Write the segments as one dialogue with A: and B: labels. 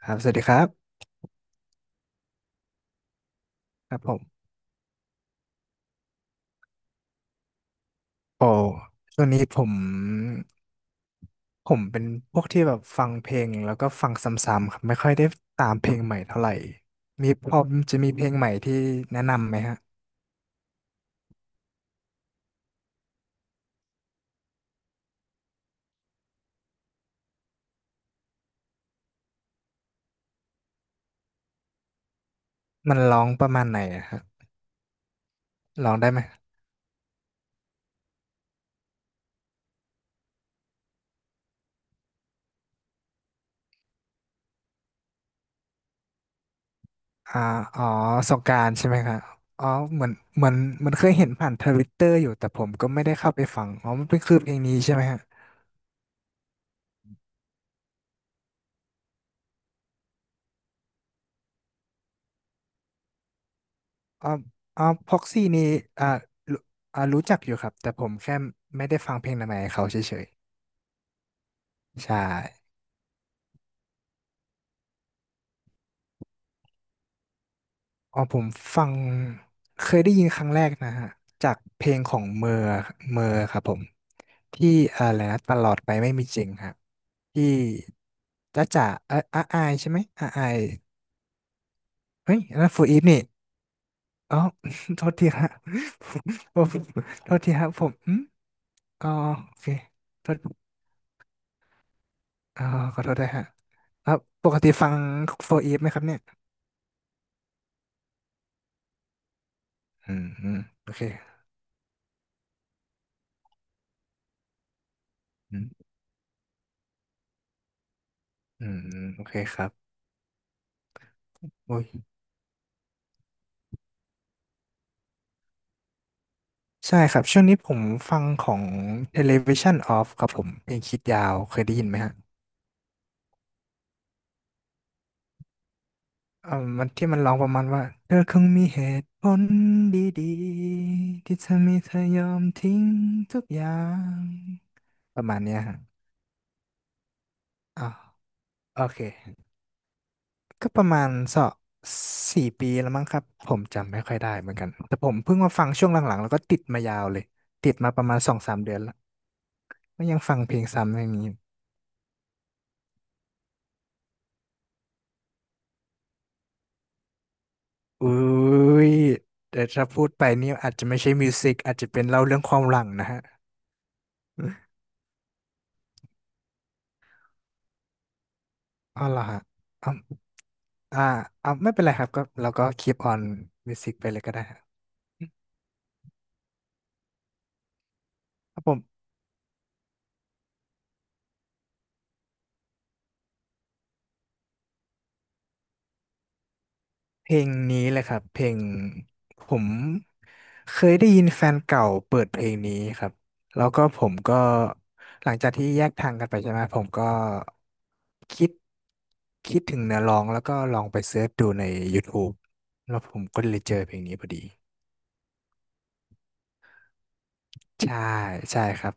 A: ครับสวัสดีครับครับผมโอ้ช่วงนี้ผมเป็นพวกที่แบบฟังเพลงแล้วก็ฟังซ้ำๆครับไม่ค่อยได้ตามเพลงใหม่เท่าไหร่มีพอจะมีเพลงใหม่ที่แนะนำไหมฮะมันร้องประมาณไหนอะฮะร้องได้ไหมอ่าอ๋อสงกรานต์ใช่ไหมครับอ๋อเหมือนมันเคยเห็นผ่านทวิตเตอร์อยู่แต่ผมก็ไม่ได้เข้าไปฟังอ๋อมันเป็นคือเพลงนี้ใช่ไหมฮะอ๋ออ๋อพ็อกซี่นี่อ่ารู้รู้จักอยู่ครับแต่ผมแค่ไม่ได้ฟังเพลงใหม่ๆของเขาเฉย ใช่อ๋อผมฟังเคยได้ยินครั้งแรกนะฮะจากเพลงของเมอร์ครับผมที่อะไรนะตลอดไปไม่มีจริงครับที่จ้ะจ๋าอาอายใช่ไหมอาอายเฮ้ยอันนั่นโฟร์อีฟนี่อ๋อ โทษทีฮะ ผมโทษทีครับผมอืมอ๋อโอเคโทษอ๋อขอโทษด้วยฮะครับปกติฟังโฟร์อีฟไหมครับเนี่ยอืมอืมโอเคอืมอืมโอเคครับ ใช่ครับช่วงนี้ผมฟังของ Elevation Off ครับผมเพลงคิดยาวเคยได้ยินไหมฮะมันที่มันร้องประมาณว่าเธอคงมีเหตุผลดีๆที่ทำให้เธอยอมทิ้งทุกอย่างประมาณเนี้ยฮะอ๋อโอเคก็ประมาณสองสี่ปีแล้วมั้งครับผมจำไม่ค่อยได้เหมือนกันแต่ผมเพิ่งมาฟังช่วงหลังๆแล้วก็ติดมายาวเลยติดมาประมาณสองสามเดือนแล้วก็ยังฟังเพลงซ้ำอย่างนี้ อุ้ยแต่ถ้าพูดไปนี่อาจจะไม่ใช่มิวสิกอาจจะเป็นเล่าเรื่องความหลังนะฮะอ๋อเหรอฮะอ่าอ่าไม่เป็นไรครับก็เราก็คีปออนมิวสิกไปเลยก็ได้ครับครับผมเพลงนี้เลยครับเพลงผมเคยได้ยินแฟนเก่าเปิดเพลงนี้ครับแล้วก็ผมก็หลังจากที่แยกทางกันไปใช่ไหมผมก็คิดคิดถึงเนื้อร้องแล้วก็ลองไปเสิร์ชดูใน YouTube แล้วผมก็เลยเจอเพลงนี้พอดี ใช่ใช่ครับ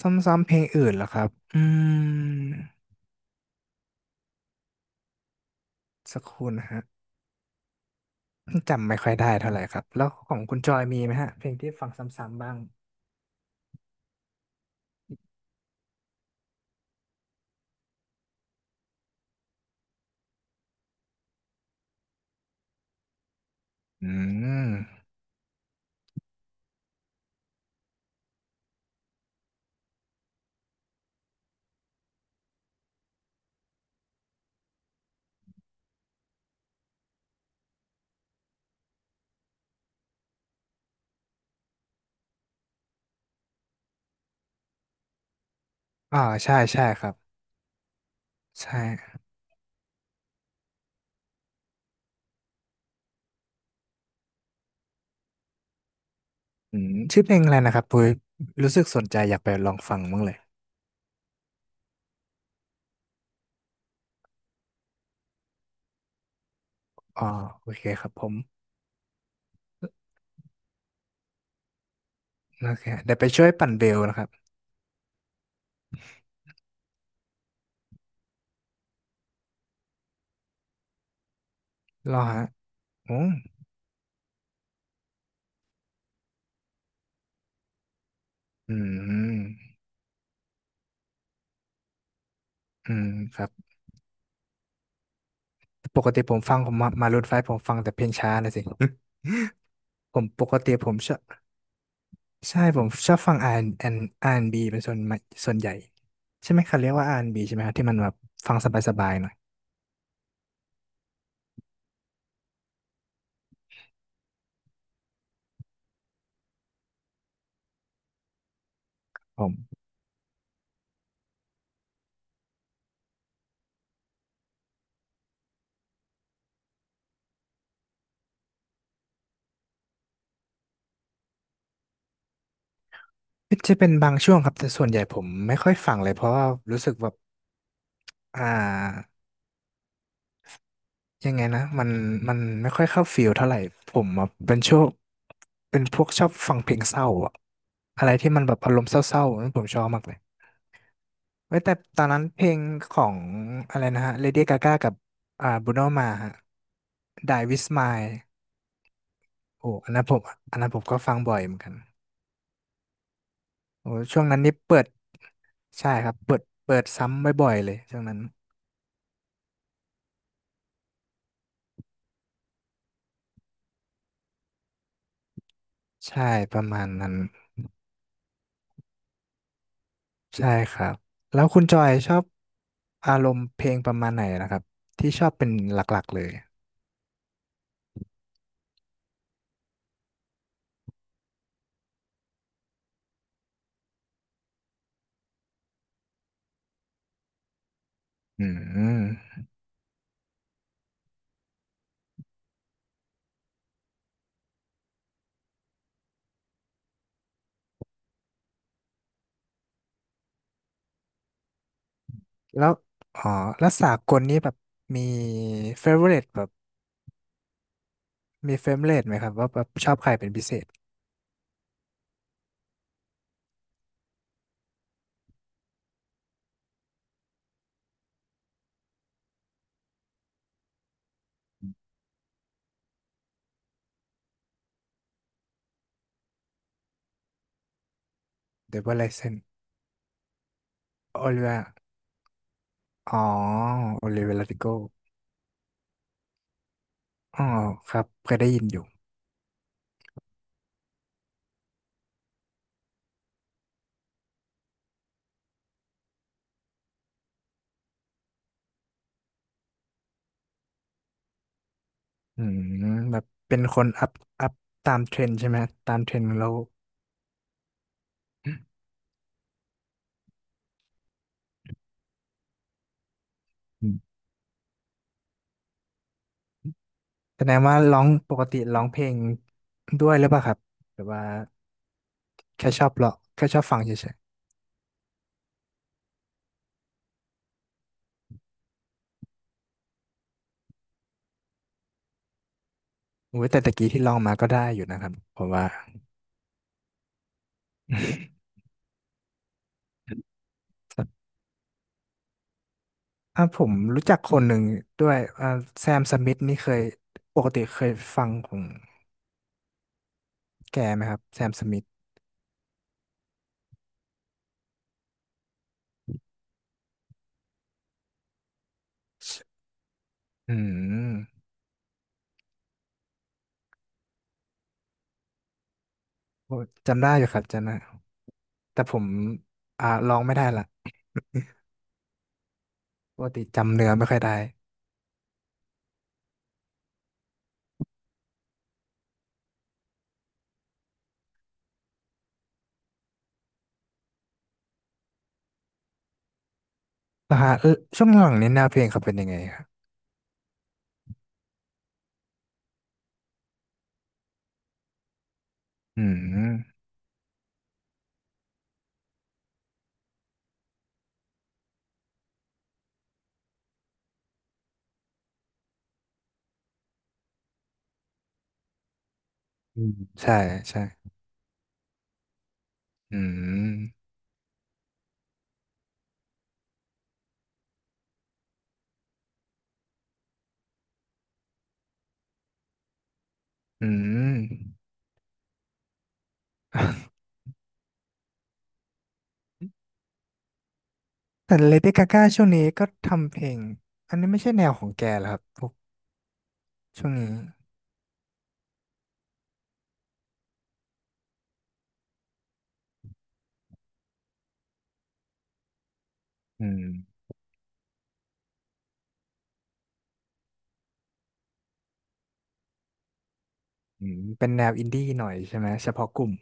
A: ซ้ำๆเพลงอื่นเหรอครับอืมสักครู่นะฮะจำไม่ค่อยได้เท่าไหร่ครับแล้วของคุณจอยมีไหมฮะเพลงที่ฟังซ้ำๆบ้างอืมใช่ใช่ครับใช่อืมชื่อเพลงอะไรนะครับปุ้ยรู้สึกสนใจอยากไปลองฟังบ้างเลยอ๋อโอเคครับผมโอเคเดี๋ยวไปช่วยปั่นเบลนะครับรอฮะโอ้อืมอืมครับปกติผมฟังผมมารูทไฟว์ผมฟังแต่เพลงช้านะสิ ผมปกติผมชอบ ใช่ผมชอบฟัง R&B R&B เป็นส่วนมากส่วนใหญ่ใช่ไหมเขาเรียกว่าอาร์แอนด์บ b ใช่ไหมครับที่มันแบบฟังสบายๆหน่อยผมจะเป็นบางช่วงครับแต่ส่วนใหญ่ผมไม่ค่อยฟังเลยเพราะว่ารู้สึกแบบอ่ายังไงนะมันไม่ค่อยเข้าฟิลเท่าไหร่ผมอะเป็นช่วงเป็นพวกชอบฟังเพลงเศร้าอะอะไรที่มันแบบอารมณ์เศร้าๆนั่นผมชอบมากเลยเว้ยแต่ตอนนั้นเพลงของอะไรนะฮะ Lady Gaga กับBruno Mars ฮะ Die With Smile โอ้อันนั้นผมอันนั้นผมก็ฟังบ่อยเหมือนกันโอ้ช่วงนั้นนี่เปิด ใช่ครับ เปิดซ้ำบ่อยๆเลยช่วงนั้น ใช่ประมาณนั้น ใช่ครับ แล้วคุณจอยชอบอารมณ์เพลงประมาณไหนนะครับที่ชอบเป็นหลักๆเลย อืม แล้ว อ๋อแล้วสากลนี้แบบมีเฟเวอร์เแบบมีเฟเวอร์เไหมครับว่าแบบชอบใครเป็นพิเศษเดวิ l ไลเซนโอลิเวอ๋อโอลิเวลาติโกอ๋อครับเคยได้ยินอยู่ อืมแบบเป็นคนอัพตามเทรนด์ใช่ไหมตามเทรนด์เราอืมแสดงว่าร้องปกติร้องเพลงด้วยหรือเปล่าครับหรือว่าแค่ชอบร้องแค่ชอบฟังเฉยๆโอ้ยแต่ตะกี้ที่ร้องมาก็ได้อยู่นะครับผมว่า อ่ะผมรู้จักคนหนึ่งด้วยแซมสมิธนี่เคยปกติเคยฟังของแกไหมครับแซมสมิธอืมโอ้จำได้อยู่ครับจำได้แต่ผมร้องไม่ได้ละปกติจำเนื้อไม่ค่อยได้ นะฮะเออช่วงหลังนี้แนวเพลงเขาเป็นยังไงครับอืมอืมใช่ใช่อืมอืม แต่เลดี้กาก้าช่วงนี้ก็ทำเพลงอันนี้ไม่ใช่แนวของแกเหรอครับพวกช่วงนี้อืมอืมเป็นแนวอินดี้หน่อยใช่ไหมเฉพาะกลุ่ม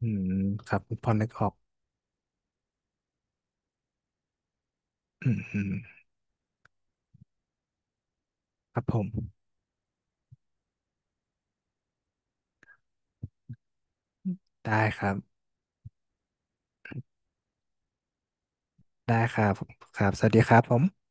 A: อืมครับพอนึกออกอืมอืมครับผมได้ครับได้ครับครับสวัสดีครับผม